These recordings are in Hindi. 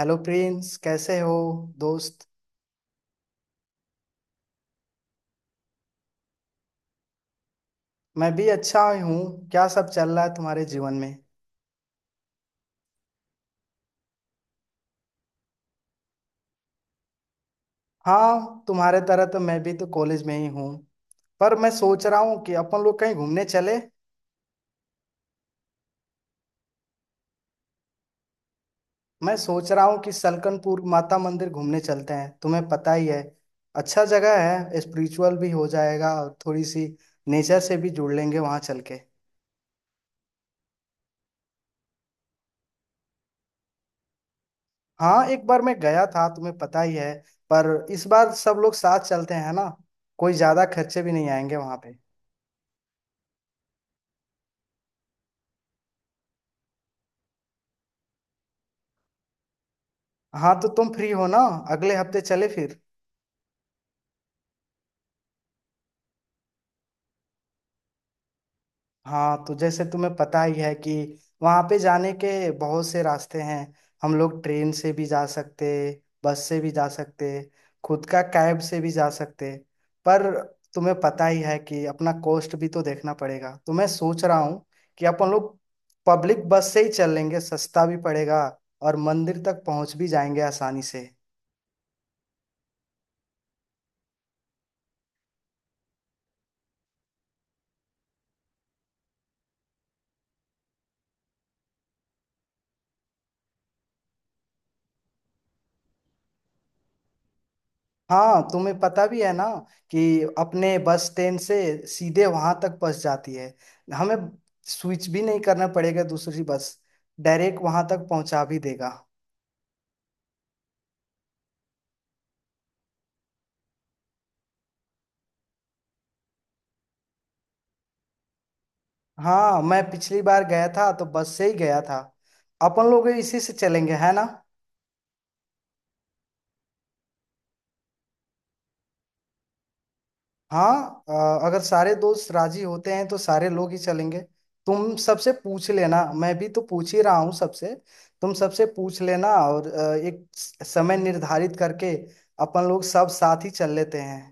हेलो प्रिंस, कैसे हो दोस्त। मैं भी अच्छा हूँ। क्या सब चल रहा है तुम्हारे जीवन में। हाँ, तुम्हारे तरह तो मैं भी तो कॉलेज में ही हूँ। पर मैं सोच रहा हूँ कि अपन लोग कहीं घूमने चले। मैं सोच रहा हूँ कि सलकनपुर माता मंदिर घूमने चलते हैं। तुम्हें पता ही है, अच्छा जगह है। स्पिरिचुअल भी हो जाएगा और थोड़ी सी नेचर से भी जुड़ लेंगे वहाँ चल के। हाँ, एक बार मैं गया था, तुम्हें पता ही है। पर इस बार सब लोग साथ चलते हैं ना। कोई ज्यादा खर्चे भी नहीं आएंगे वहाँ पे। हाँ तो तुम फ्री हो ना, अगले हफ्ते चले फिर। हाँ तो जैसे तुम्हें पता ही है कि वहाँ पे जाने के बहुत से रास्ते हैं। हम लोग ट्रेन से भी जा सकते, बस से भी जा सकते, खुद का कैब से भी जा सकते। पर तुम्हें पता ही है कि अपना कॉस्ट भी तो देखना पड़ेगा। तो मैं सोच रहा हूँ कि अपन लोग पब्लिक बस से ही चल लेंगे, सस्ता भी पड़ेगा और मंदिर तक पहुँच भी जाएंगे आसानी से। हाँ, तुम्हें पता भी है ना कि अपने बस स्टैंड से सीधे वहां तक बस जाती है। हमें स्विच भी नहीं करना पड़ेगा दूसरी बस, डायरेक्ट वहां तक पहुंचा भी देगा। हाँ, मैं पिछली बार गया था तो बस से ही गया था। अपन लोग इसी से चलेंगे है ना। हाँ, अगर सारे दोस्त राजी होते हैं तो सारे लोग ही चलेंगे। तुम सबसे पूछ लेना, मैं भी तो पूछ ही रहा हूँ सबसे। तुम सबसे पूछ लेना और एक समय निर्धारित करके अपन लोग सब साथ ही चल लेते हैं।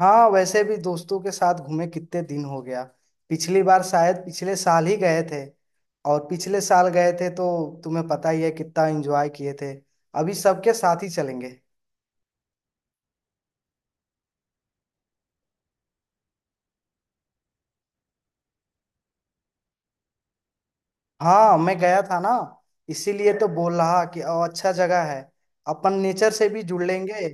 हाँ, वैसे भी दोस्तों के साथ घूमे कितने दिन हो गया। पिछली बार शायद पिछले साल ही गए थे। और पिछले साल गए थे तो तुम्हें पता ही है कितना एंजॉय किए थे। अभी सबके साथ ही चलेंगे। हाँ, मैं गया था ना, इसीलिए तो बोल रहा कि अच्छा जगह है। अपन नेचर से भी जुड़ लेंगे।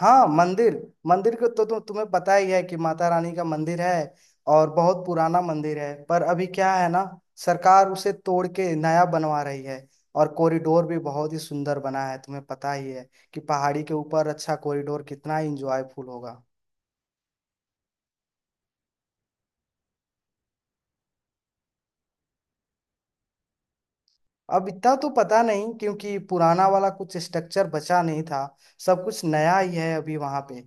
हाँ मंदिर, मंदिर को तो तुम्हें पता ही है कि माता रानी का मंदिर है। और बहुत पुराना मंदिर है, पर अभी क्या है ना, सरकार उसे तोड़ के नया बनवा रही है। और कॉरिडोर भी बहुत ही सुंदर बना है। तुम्हें पता ही है कि पहाड़ी के ऊपर अच्छा कॉरिडोर कितना इंजॉयफुल होगा। अब इतना तो पता नहीं, क्योंकि पुराना वाला कुछ स्ट्रक्चर बचा नहीं था। सब कुछ नया ही है अभी वहां पे।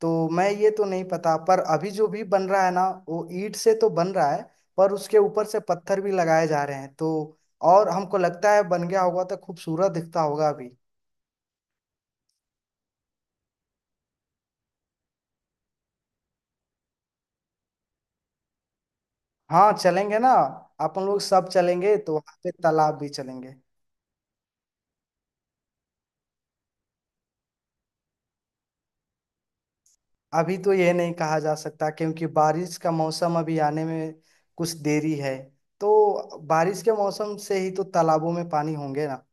तो मैं ये तो नहीं पता, पर अभी जो भी बन रहा है ना, वो ईंट से तो बन रहा है। पर उसके ऊपर से पत्थर भी लगाए जा रहे हैं। तो और हमको लगता है बन गया होगा तो खूबसूरत दिखता होगा अभी। हाँ चलेंगे ना। अपन लोग सब चलेंगे तो वहां पे तालाब भी चलेंगे। अभी तो यह नहीं कहा जा सकता, क्योंकि बारिश का मौसम अभी आने में कुछ देरी है। तो बारिश के मौसम से ही तो तालाबों में पानी होंगे ना।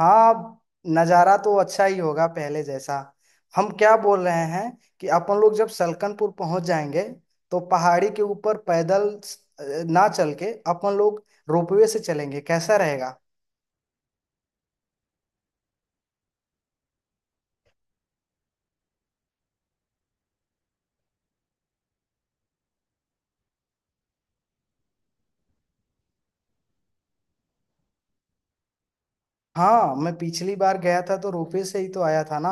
हाँ, नज़ारा तो अच्छा ही होगा पहले जैसा। हम क्या बोल रहे हैं कि अपन लोग जब सलकनपुर पहुंच जाएंगे, तो पहाड़ी के ऊपर पैदल ना चल के अपन लोग रोपवे से चलेंगे, कैसा रहेगा। हाँ, मैं पिछली बार गया था तो रोपवे से ही तो आया था ना।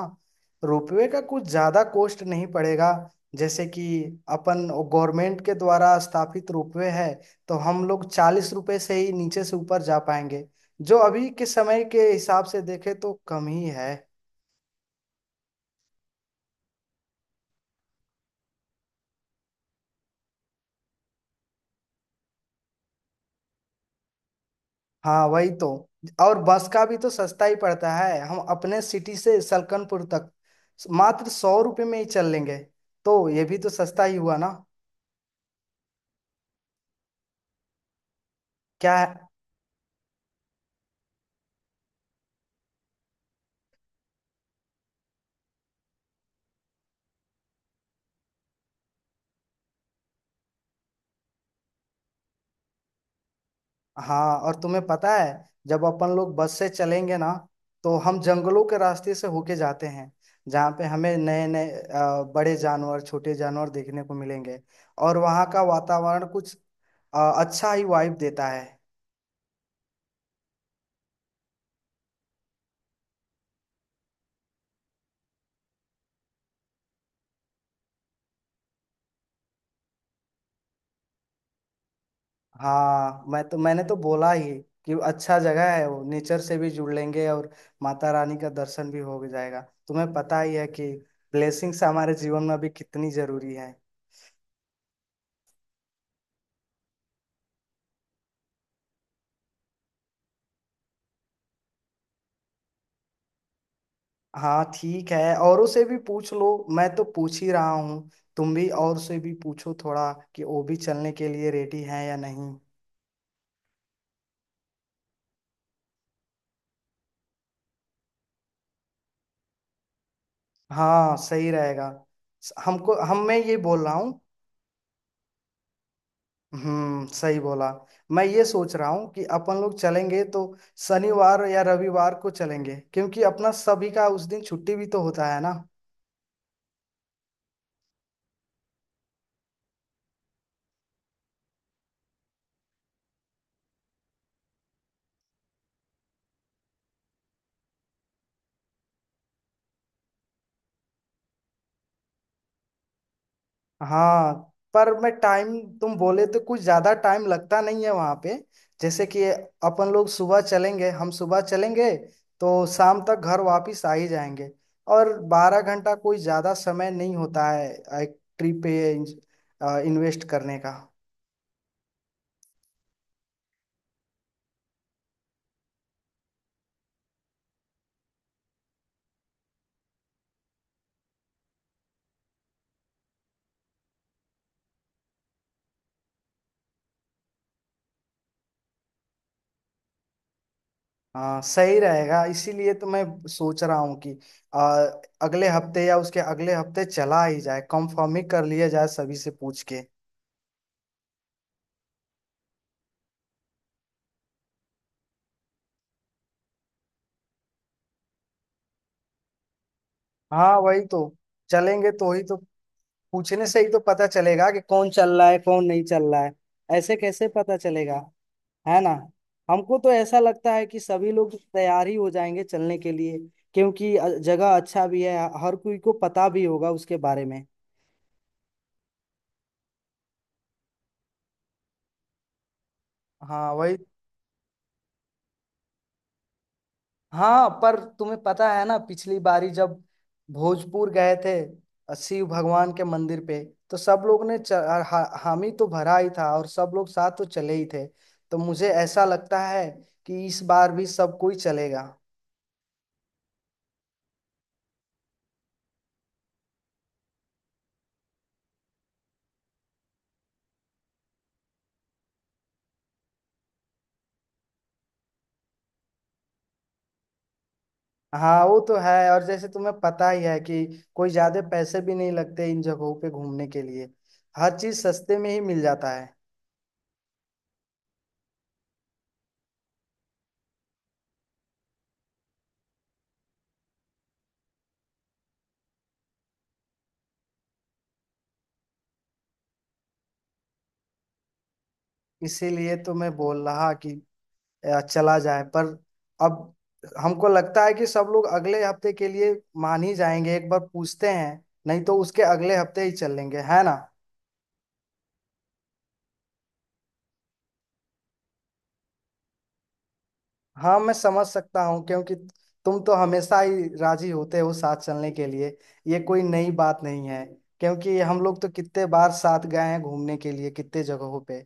रोपवे का कुछ ज्यादा कॉस्ट नहीं पड़ेगा। जैसे कि अपन, गवर्नमेंट के द्वारा स्थापित रोपवे है। तो हम लोग 40 रुपए से ही नीचे से ऊपर जा पाएंगे, जो अभी के समय के हिसाब से देखे तो कम ही है। हाँ वही तो। और बस का भी तो सस्ता ही पड़ता है। हम अपने सिटी से सलकनपुर तक मात्र 100 रुपये में ही चल लेंगे। तो ये भी तो सस्ता ही हुआ ना। क्या। हाँ, और तुम्हें पता है, जब अपन लोग बस से चलेंगे ना, तो हम जंगलों के रास्ते से होके जाते हैं। जहाँ पे हमें नए नए बड़े जानवर, छोटे जानवर देखने को मिलेंगे। और वहाँ का वातावरण कुछ अ, अच्छा ही वाइब देता है। हाँ मैं तो, मैंने तो बोला ही कि अच्छा जगह है। वो नेचर से भी जुड़ लेंगे और माता रानी का दर्शन भी हो जाएगा। तुम्हें पता ही है कि ब्लेसिंग्स हमारे जीवन में भी कितनी जरूरी है। हाँ ठीक है, औरों से भी पूछ लो, मैं तो पूछ ही रहा हूँ। तुम भी और से भी पूछो थोड़ा कि वो भी चलने के लिए रेडी हैं या नहीं। हाँ सही रहेगा। हमको हम मैं ये बोल रहा हूँ। हम्म, सही बोला। मैं ये सोच रहा हूँ कि अपन लोग चलेंगे तो शनिवार या रविवार को चलेंगे, क्योंकि अपना सभी का उस दिन छुट्टी भी तो होता है ना। हाँ पर मैं टाइम, तुम बोले तो कुछ ज्यादा टाइम लगता नहीं है वहां पे। जैसे कि अपन लोग सुबह चलेंगे, हम सुबह चलेंगे तो शाम तक घर वापिस आ ही जाएंगे। और 12 घंटा कोई ज्यादा समय नहीं होता है एक ट्रिप पे इन्वेस्ट करने का। हाँ सही रहेगा। इसीलिए तो मैं सोच रहा हूँ कि आ, अगले हफ्ते या उसके अगले हफ्ते चला ही जाए, कंफर्म ही कर लिया जाए सभी से पूछ के। हाँ वही तो, चलेंगे तो ही तो। पूछने से ही तो पता चलेगा कि कौन चल रहा है कौन नहीं चल रहा है। ऐसे कैसे पता चलेगा, है ना। हमको तो ऐसा लगता है कि सभी लोग तैयार ही हो जाएंगे चलने के लिए, क्योंकि जगह अच्छा भी है। हर कोई को पता भी होगा उसके बारे में। हाँ वही। हाँ पर तुम्हें पता है ना, पिछली बारी जब भोजपुर गए थे, शिव भगवान के मंदिर पे, तो सब लोग ने हामी तो भरा ही था और सब लोग साथ तो चले ही थे। तो मुझे ऐसा लगता है कि इस बार भी सब कोई चलेगा। हाँ वो तो है। और जैसे तुम्हें पता ही है कि कोई ज्यादा पैसे भी नहीं लगते इन जगहों पे घूमने के लिए। हर चीज सस्ते में ही मिल जाता है। इसीलिए तो मैं बोल रहा कि चला जाए। पर अब हमको लगता है कि सब लोग अगले हफ्ते के लिए मान ही जाएंगे। एक बार पूछते हैं, नहीं तो उसके अगले हफ्ते ही चलेंगे, है ना। हाँ मैं समझ सकता हूँ, क्योंकि तुम तो हमेशा ही राजी होते हो साथ चलने के लिए। ये कोई नई बात नहीं है, क्योंकि हम लोग तो कितने बार साथ गए हैं घूमने के लिए कितने जगहों पे।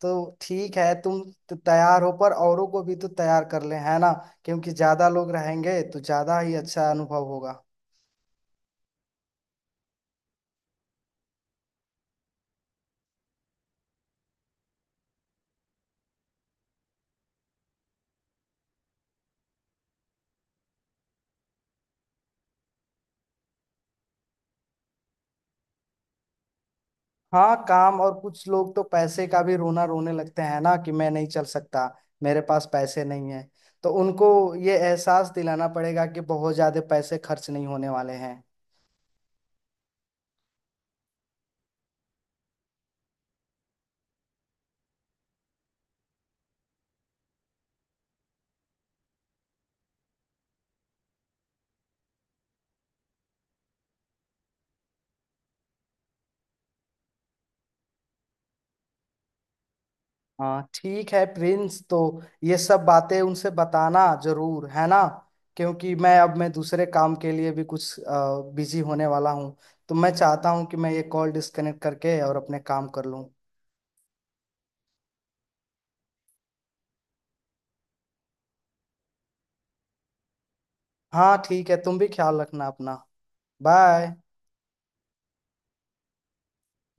तो ठीक है, तुम तो तैयार हो, पर औरों को भी तो तैयार कर ले, है ना। क्योंकि ज्यादा लोग रहेंगे तो ज्यादा ही अच्छा अनुभव होगा। हाँ काम, और कुछ लोग तो पैसे का भी रोना रोने लगते हैं ना कि मैं नहीं चल सकता, मेरे पास पैसे नहीं है। तो उनको ये एहसास दिलाना पड़ेगा कि बहुत ज्यादा पैसे खर्च नहीं होने वाले हैं। हाँ ठीक है प्रिंस, तो ये सब बातें उनसे बताना जरूर, है ना। क्योंकि मैं अब मैं दूसरे काम के लिए भी कुछ बिजी होने वाला हूँ। तो मैं चाहता हूँ कि मैं ये कॉल डिस्कनेक्ट करके और अपने काम कर लूँ। हाँ ठीक है, तुम भी ख्याल रखना अपना। बाय।